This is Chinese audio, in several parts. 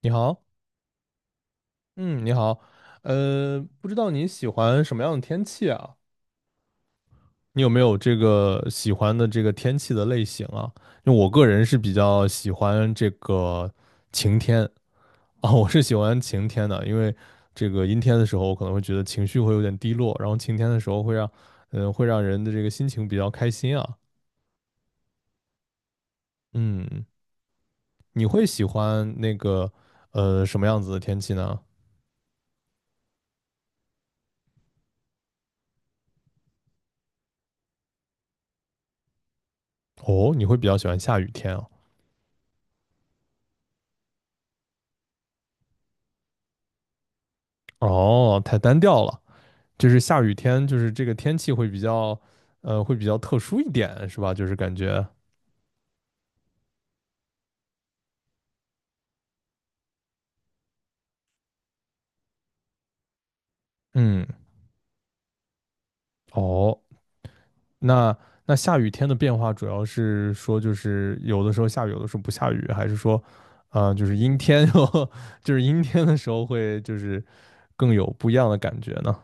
你好。嗯，你好。不知道你喜欢什么样的天气啊？你有没有这个喜欢的这个天气的类型啊？因为我个人是比较喜欢这个晴天啊，我是喜欢晴天的，因为这个阴天的时候，我可能会觉得情绪会有点低落，然后晴天的时候会让，会让人的这个心情比较开心啊。嗯，你会喜欢那个什么样子的天气呢？哦，你会比较喜欢下雨天啊？哦，太单调了。就是下雨天，就是这个天气会比较，会比较特殊一点，是吧？就是感觉，嗯，哦，那那下雨天的变化主要是说，就是有的时候下雨，有的时候不下雨，还是说，就是阴天 就是阴天的时候会就是更有不一样的感觉呢？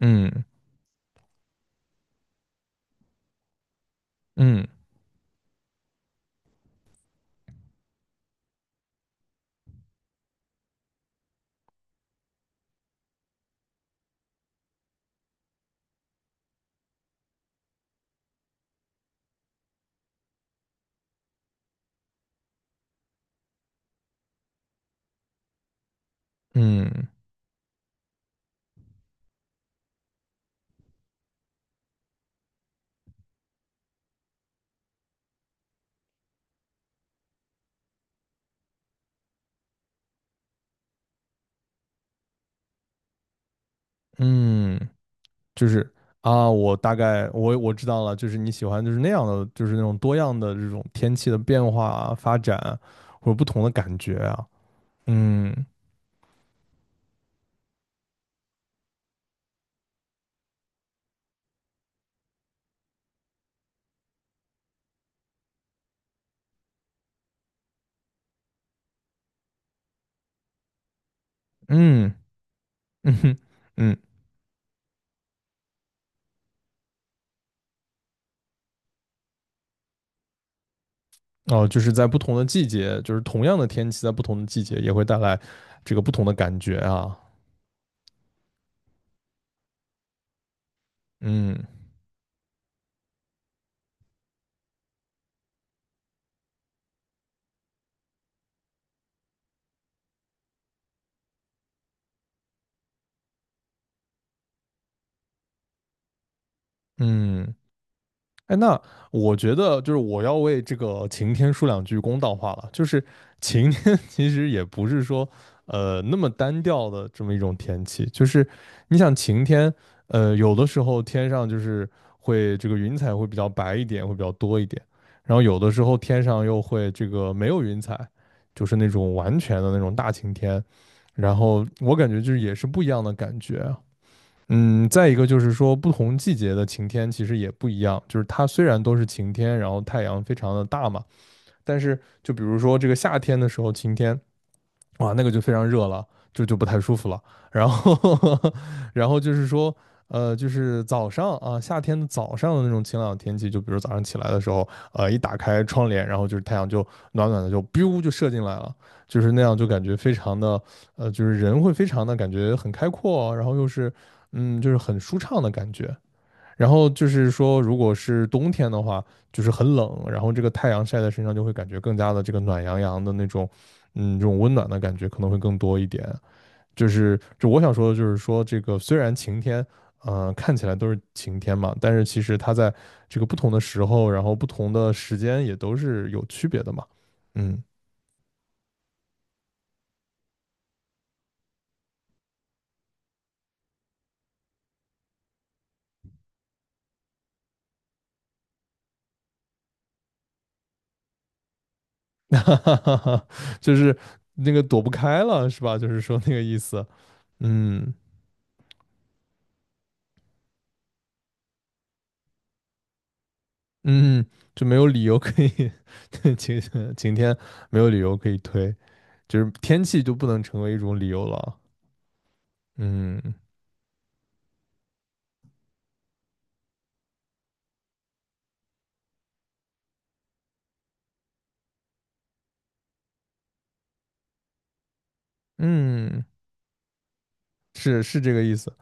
嗯。嗯嗯嗯，就是啊，我大概我知道了，就是你喜欢就是那样的，就是那种多样的这种天气的变化啊、发展啊或者不同的感觉啊。嗯嗯嗯哼。嗯，哦，就是在不同的季节，就是同样的天气，在不同的季节也会带来这个不同的感觉啊。嗯嗯。哎，那我觉得就是我要为这个晴天说两句公道话了。就是晴天 其实也不是说那么单调的这么一种天气，就是你想晴天，有的时候天上就是会这个云彩会比较白一点，会比较多一点，然后有的时候天上又会这个没有云彩，就是那种完全的那种大晴天。然后我感觉就是也是不一样的感觉。嗯，再一个就是说，不同季节的晴天其实也不一样。就是它虽然都是晴天，然后太阳非常的大嘛，但是就比如说这个夏天的时候晴天，哇，那个就非常热了，就不太舒服了。然后，然后就是说，就是早上啊，夏天的早上的那种晴朗的天气，就比如早上起来的时候，一打开窗帘，然后就是太阳就暖暖的就 biu 就射进来了，就是那样就感觉非常的，就是人会非常的感觉很开阔哦，然后又是，嗯，就是很舒畅的感觉。然后就是说，如果是冬天的话，就是很冷，然后这个太阳晒在身上就会感觉更加的这个暖洋洋的那种，嗯，这种温暖的感觉可能会更多一点。就我想说的就是说，这个虽然晴天，看起来都是晴天嘛，但是其实它在这个不同的时候，然后不同的时间也都是有区别的嘛。嗯。就是那个躲不开了，是吧？就是说那个意思。嗯。嗯，就没有理由可以，晴晴天没有理由可以推，就是天气就不能成为一种理由了。嗯嗯，是是这个意思。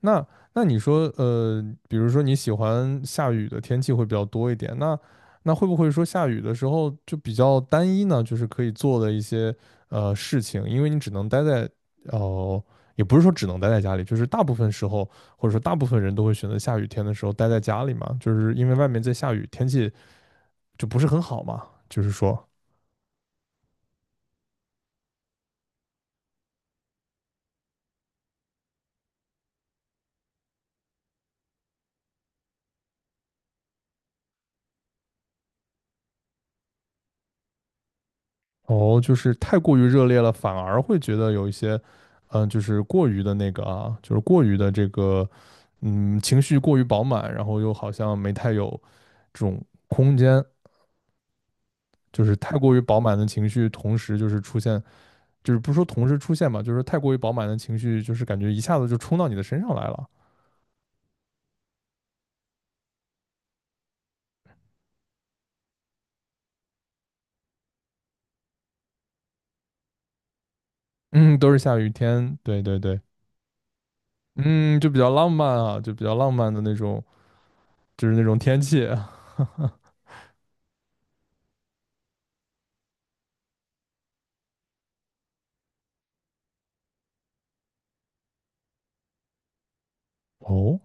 那你说，比如说你喜欢下雨的天气会比较多一点，那会不会说下雨的时候就比较单一呢？就是可以做的一些事情，因为你只能待在哦、也不是说只能待在家里，就是大部分时候或者说大部分人都会选择下雨天的时候待在家里嘛，就是因为外面在下雨，天气就不是很好嘛，就是说。哦，就是太过于热烈了，反而会觉得有一些，就是过于的那个啊，就是过于的这个，嗯，情绪过于饱满，然后又好像没太有这种空间，就是太过于饱满的情绪，同时就是出现，就是不是说同时出现吧，就是太过于饱满的情绪，就是感觉一下子就冲到你的身上来了。嗯，都是下雨天，对对对。嗯，就比较浪漫啊，就比较浪漫的那种，就是那种天气。哦。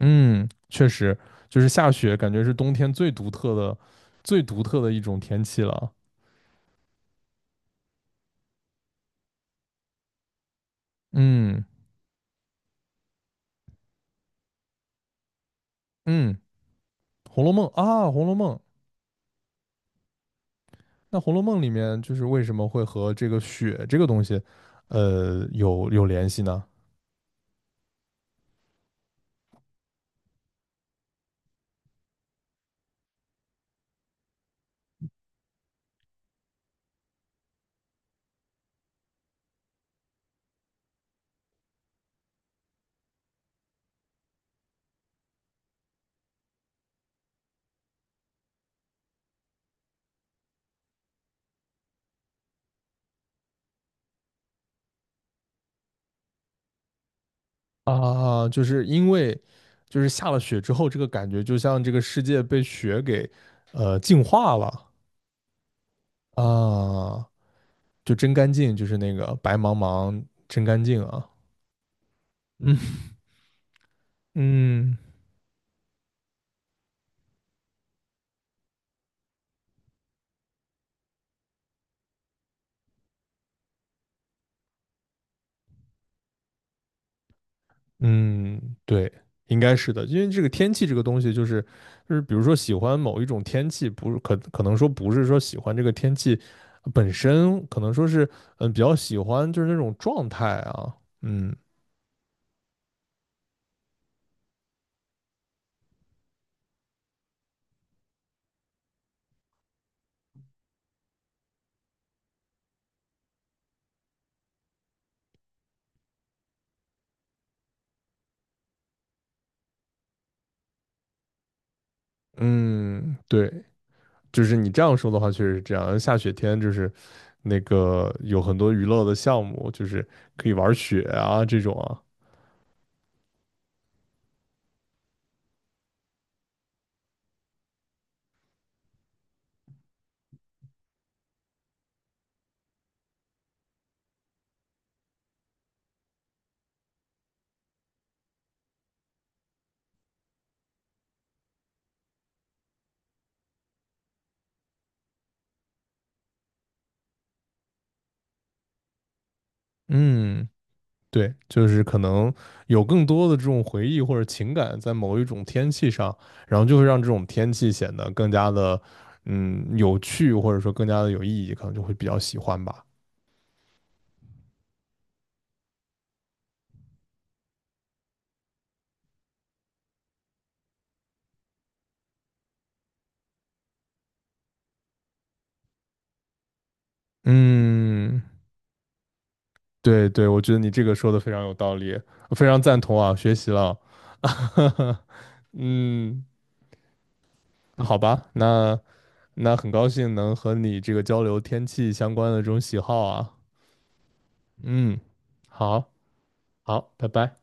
嗯，确实，就是下雪，感觉是冬天最独特的、最独特的一种天气了。嗯嗯，《红楼梦》啊，《红楼梦》。那《红楼梦》里面就是为什么会和这个雪这个东西，有联系呢？啊，就是因为就是下了雪之后，这个感觉就像这个世界被雪给净化了啊，就真干净，就是那个白茫茫真干净啊。嗯嗯。嗯，对，应该是的，因为这个天气这个东西，就是，比如说喜欢某一种天气，不是可能说不是说喜欢这个天气本身，可能说是嗯比较喜欢就是那种状态啊。嗯嗯，对，就是你这样说的话，确实是这样。下雪天就是那个有很多娱乐的项目，就是可以玩雪啊这种啊。嗯。对，就是可能有更多的这种回忆或者情感在某一种天气上，然后就会让这种天气显得更加的，嗯，有趣或者说更加的有意义，可能就会比较喜欢吧。嗯，对对，我觉得你这个说的非常有道理，我非常赞同啊，学习了。嗯，好吧，那很高兴能和你这个交流天气相关的这种喜好啊。嗯，好，好，拜拜。